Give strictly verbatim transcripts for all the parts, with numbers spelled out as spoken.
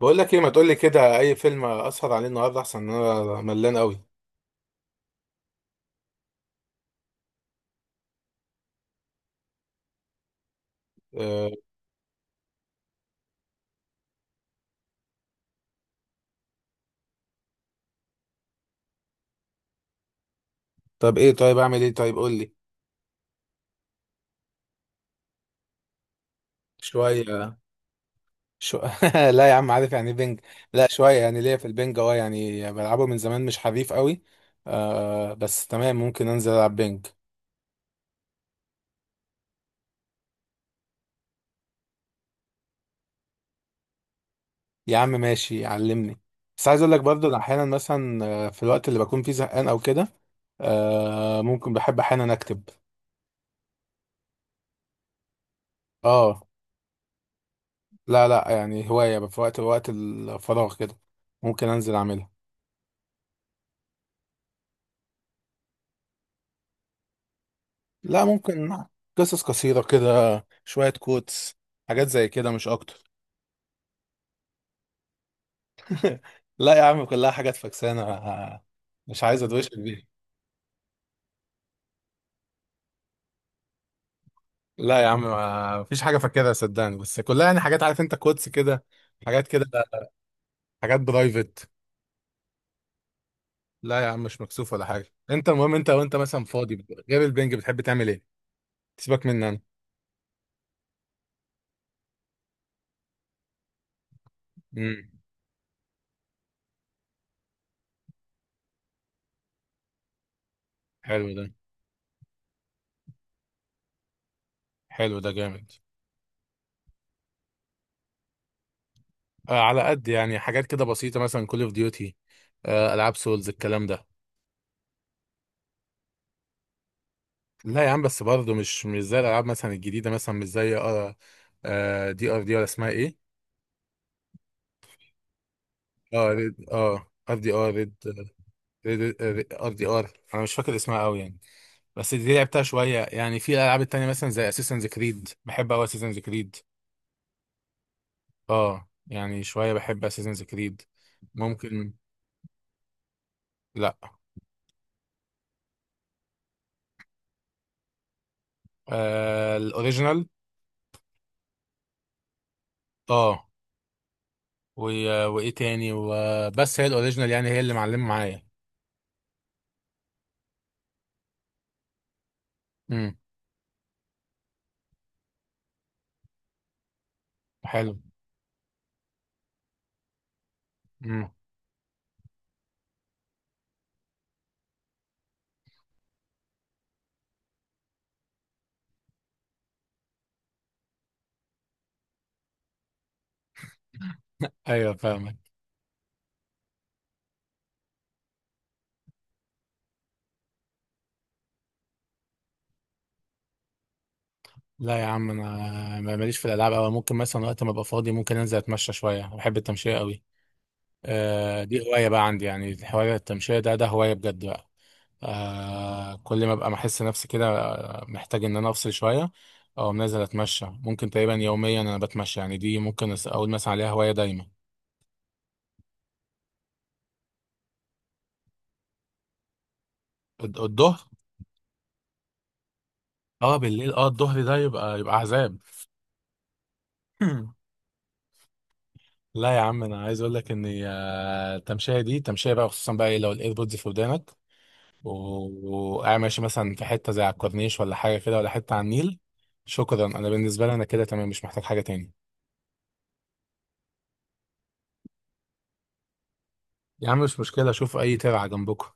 بقول لك ايه، ما تقول لي كده اي فيلم اسهر عليه النهارده؟ احسن ان انا ملان قوي. أه. طب ايه؟ طيب اعمل ايه؟ طيب قول لي. شويه. شو... لا يا عم، عارف يعني بينج. لا، شويه يعني، ليا في البينج. اه يعني بلعبه من زمان، مش حريف قوي. أه، بس تمام. ممكن انزل العب بينج. يا عم ماشي، علمني. بس عايز اقول لك برضه، أنا احيانا مثلا آه، في الوقت اللي بكون فيه زهقان او كده. أه، ممكن بحب احيانا اكتب. اه. لا، لا، يعني هوايه في وقت وقت الفراغ كده. ممكن انزل اعملها. لا، ممكن. قصص قصيرة كده. شوية كوتس. حاجات زي كده، مش أكتر. لا يا عم، كلها حاجات فكسانة. مش عايز أدوشك بيها. لا يا عم، ما فيش حاجة فاكرها صدقني، بس كلها يعني حاجات، عارف أنت، كوتس كده. حاجات كده. حاجات برايفت. لا يا عم، مش مكسوف ولا حاجة. أنت المهم، أنت وأنت مثلا فاضي غير البنج بتحب تعمل إيه؟ سيبك مني أنا. امم حلو ده. حلو ده جامد. آه، على قد يعني حاجات كده بسيطة، مثلا كول أوف ديوتي. ألعاب سولز الكلام ده. لا يا عم، بس برضه مش مش زي الالعاب مثلا الجديده، مثلا مش زي اه آه، دي ار دي ولا اسمها ايه؟ اه ريد اه ار دي ار ريد. ريد ار دي ار، انا مش فاكر اسمها قوي يعني. بس دي لعبتها شويه، يعني في الالعاب التانيه مثلا زي اساسنز كريد، بحب قوي اساسنز كريد. اه يعني شويه بحب اساسنز كريد. ممكن. لا. آه، الاوريجينال. اه. و... وايه تاني؟ وبس هي الاوريجينال، يعني هي اللي معلمه معايا. امم حلو. امم ايوه فاهمك. لا يا عم، انا ما- ماليش في الالعاب قوي. ممكن مثلا وقت ما ابقى فاضي، ممكن انزل اتمشى شويه. بحب التمشيه قوي. آه، دي هوايه بقى عندي يعني، الهوايه التمشيه، ده ده هوايه بجد بقى. آه، كل ما ابقى محس نفسي كده، محتاج ان انا افصل شويه. او نازل اتمشى، ممكن تقريبا يوميا انا بتمشى. يعني دي ممكن أس- اقول مثلا عليها هوايه دايما. الد- الظهر؟ اه بالليل، اه الظهر ده يبقى يبقى عذاب. لا يا عم، انا عايز اقول لك ان آه، التمشيه دي تمشيه بقى، خصوصا بقى إيه، لو الايربودز في ودانك، و- وقاعد ماشي مثلا في حتة زي على الكورنيش، ولا حاجة كده، ولا حتة على النيل. شكرا، أنا بالنسبة لي أنا كده تمام، مش محتاج حاجة تاني. يا عم مش مشكلة، أشوف أي ترعة جنبكم.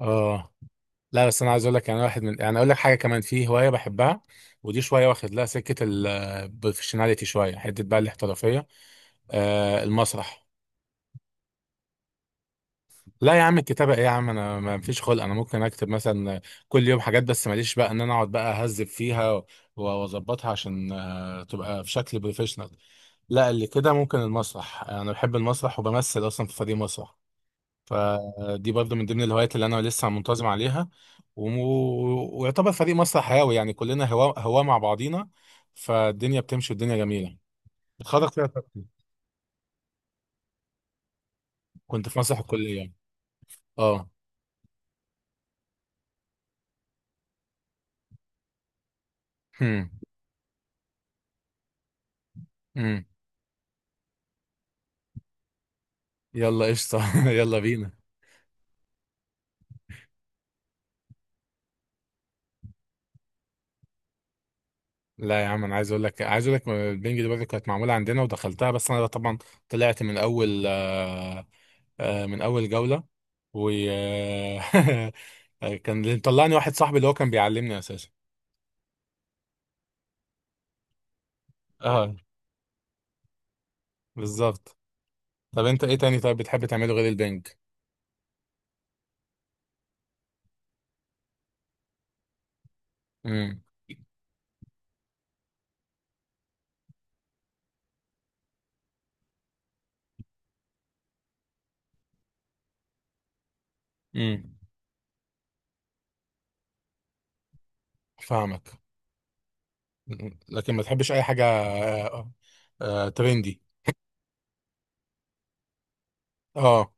آه. لا، بس أنا عايز أقول لك، يعني واحد من، يعني أقول لك حاجة كمان، في هواية بحبها. ودي شوية واخد لها سكة البروفيشناليتي شوية، حتة بقى الاحترافية. آه، المسرح. لا يا عم، الكتابة ايه يا عم؟ انا ما فيش خلق، انا ممكن اكتب مثلا كل يوم حاجات، بس ماليش بقى ان انا اقعد بقى اهذب فيها و- واظبطها عشان آه، تبقى في شكل بروفيشنال. لا، اللي كده ممكن المسرح. انا بحب المسرح، وبمثل اصلا في فريق مسرح. فدي برضو من ضمن الهوايات اللي انا لسه منتظم عليها. وم- ويعتبر فريق مسرح هاوي، يعني كلنا هوا هوا مع بعضينا. فالدنيا بتمشي، والدنيا جميلة. بتخرج فيها طاقتي. كنت في مسرح الكلية. اه. هم. هم. يلا قشطة. يلا بينا. لا يا عم، انا عايز اقول لك عايز اقول لك البنج دي برضه كانت معموله عندنا، ودخلتها، بس انا طبعا طلعت من اول آه، آه، من اول جوله. و كان اللي مطلعني واحد صاحبي، اللي هو كان بيعلمني اساسا. اه، بالظبط. طب انت ايه تاني؟ طيب بتحب تعمله غير البنج؟ امم امم فاهمك. مم. لكن ما تحبش اي حاجه آه، آه، ترندي؟ اه.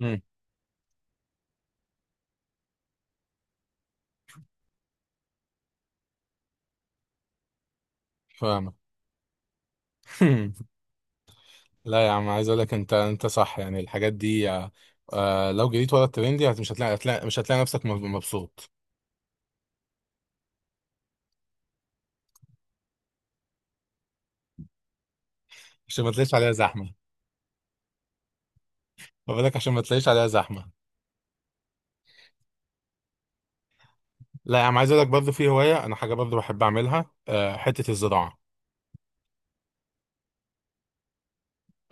امم فاهمك. لا يا عم، عايز اقول لك، انت انت صح يعني، الحاجات دي آه، آه، لو جريت ورا الترند دي هت- مش هتلاقي هتلاقي مش هتلاقي نفسك مب- مبسوط. عشان ما تلاقيش عليها زحمه. فبالك عشان ما تلاقيش عليها زحمه. لا يا عم، عايز اقول لك برضه في هوايه، انا حاجه برضه بحب اعملها، آه، حته الزراعه.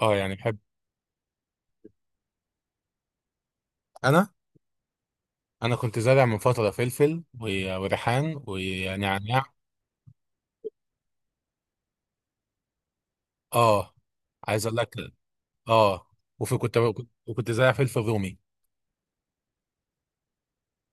اه يعني بحب. انا انا كنت زارع من فتره فلفل و- وريحان ونعناع. اه. عايز اقول لك. اه. وفي كنت كنت- وكنت زارع فلفل رومي.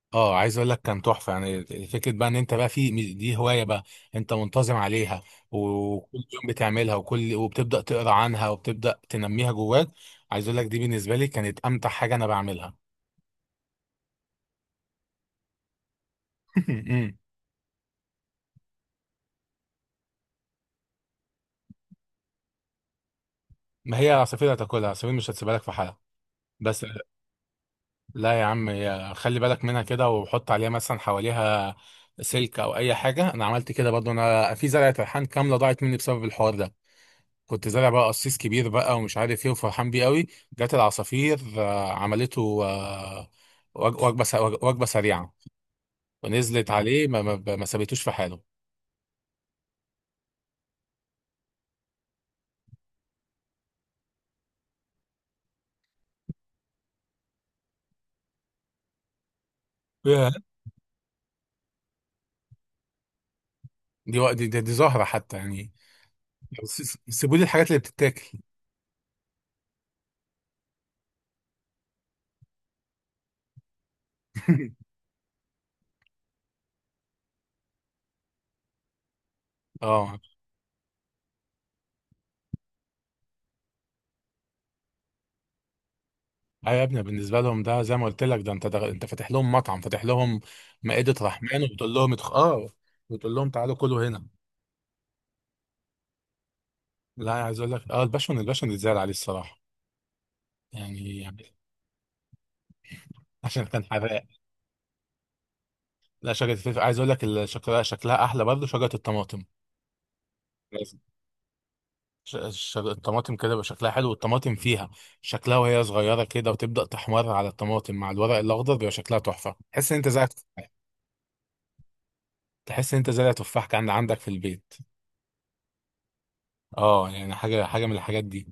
اه، عايز اقول لك كان تحفه، يعني فكره بقى ان انت بقى في دي هوايه بقى، انت منتظم عليها، وكل يوم بتعملها، وكل وبتبدا تقرا عنها، وبتبدا تنميها جواك. عايز اقول لك، دي بالنسبه لي كانت امتع حاجه انا بعملها. أمم. ما هي عصافير هتاكلها، عصافير مش هتسيبها لك في حالها. بس لا يا عم، يا- خلي بالك منها كده، وحط عليها مثلا حواليها سلك او اي حاجه. انا عملت كده برضو، انا في زرعه ريحان كامله ضاعت مني بسبب الحوار ده. كنت زارع بقى قصيص كبير بقى ومش عارف ايه، وفرحان بيه قوي. جت العصافير آه، عملته آه، وج- وجبه س- وجبه سريعه. ونزلت عليه، ما, ما, ما سابتوش في حاله. ياه. دي وق- دي, دي, دي زهره حتى يعني. س- سيبوا لي الحاجات اللي بتتاكل. اه. ايوه يا ابني، بالنسبه لهم ده زي ما قلت لك، ده انت ده انت فاتح لهم مطعم، فاتح لهم مائده رحمن، وبتقول لهم ادخ- اه بتقول لهم تعالوا كلوا هنا. لا، عايز اقول لك اه الباشون الباشون اتزعل عليه الصراحه. يعني يعني. عشان كان حراق. لا، شجرة الفلفل عايز اقول لك ال- شكلها شكلها احلى، برضه شجرة الطماطم. لازم. ش- ش- الطماطم كده بيبقى شكلها حلو، والطماطم فيها شكلها وهي صغيرة كده، وتبدأ تحمر على الطماطم مع الورق الأخضر، بيبقى شكلها تحفة، تحس إن أنت زرع تفاح. تحس إن أنت زرع تفاح كان عندك في البيت. أه، يعني حاجة حاجة من الحاجات دي.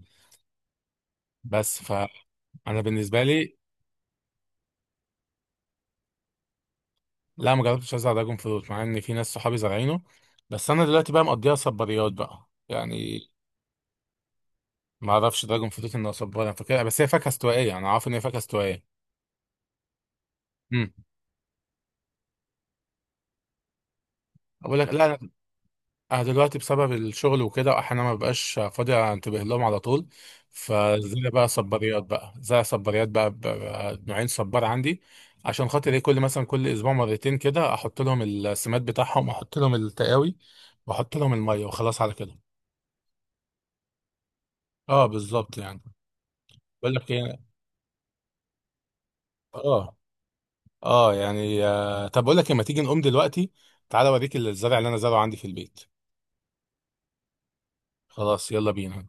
بس فأنا بالنسبة لي. لا، ما جربتش أزرع دراجون فروت، مع إن في ناس صحابي زارعينه. بس أنا دلوقتي بقى مقضيها صباريات بقى يعني. ما أعرفش دراجون فروت إنه صبار، أنا فاكرها بس هي فاكهة استوائية، أنا عارف إن هي فاكهة استوائية. بقول لك لا. انا دلوقتي بسبب الشغل وكده، احيانا ما ببقاش فاضي انتبه لهم على طول. فزي بقى صباريات بقى، زي صباريات بقى, بقى, نوعين صبار عندي. عشان خاطر ايه، كل مثلا كل اسبوع مرتين كده احط لهم السماد بتاعهم، احط لهم التقاوي، واحط لهم الميه، وخلاص على كده. اه، بالظبط يعني. بقول لك ايه. اه. اه يعني آه طب بقول لك إيه، ما تيجي نقوم دلوقتي؟ تعالى اوريك الزرع اللي انا زرعه عندي في البيت. خلاص يلا بينا.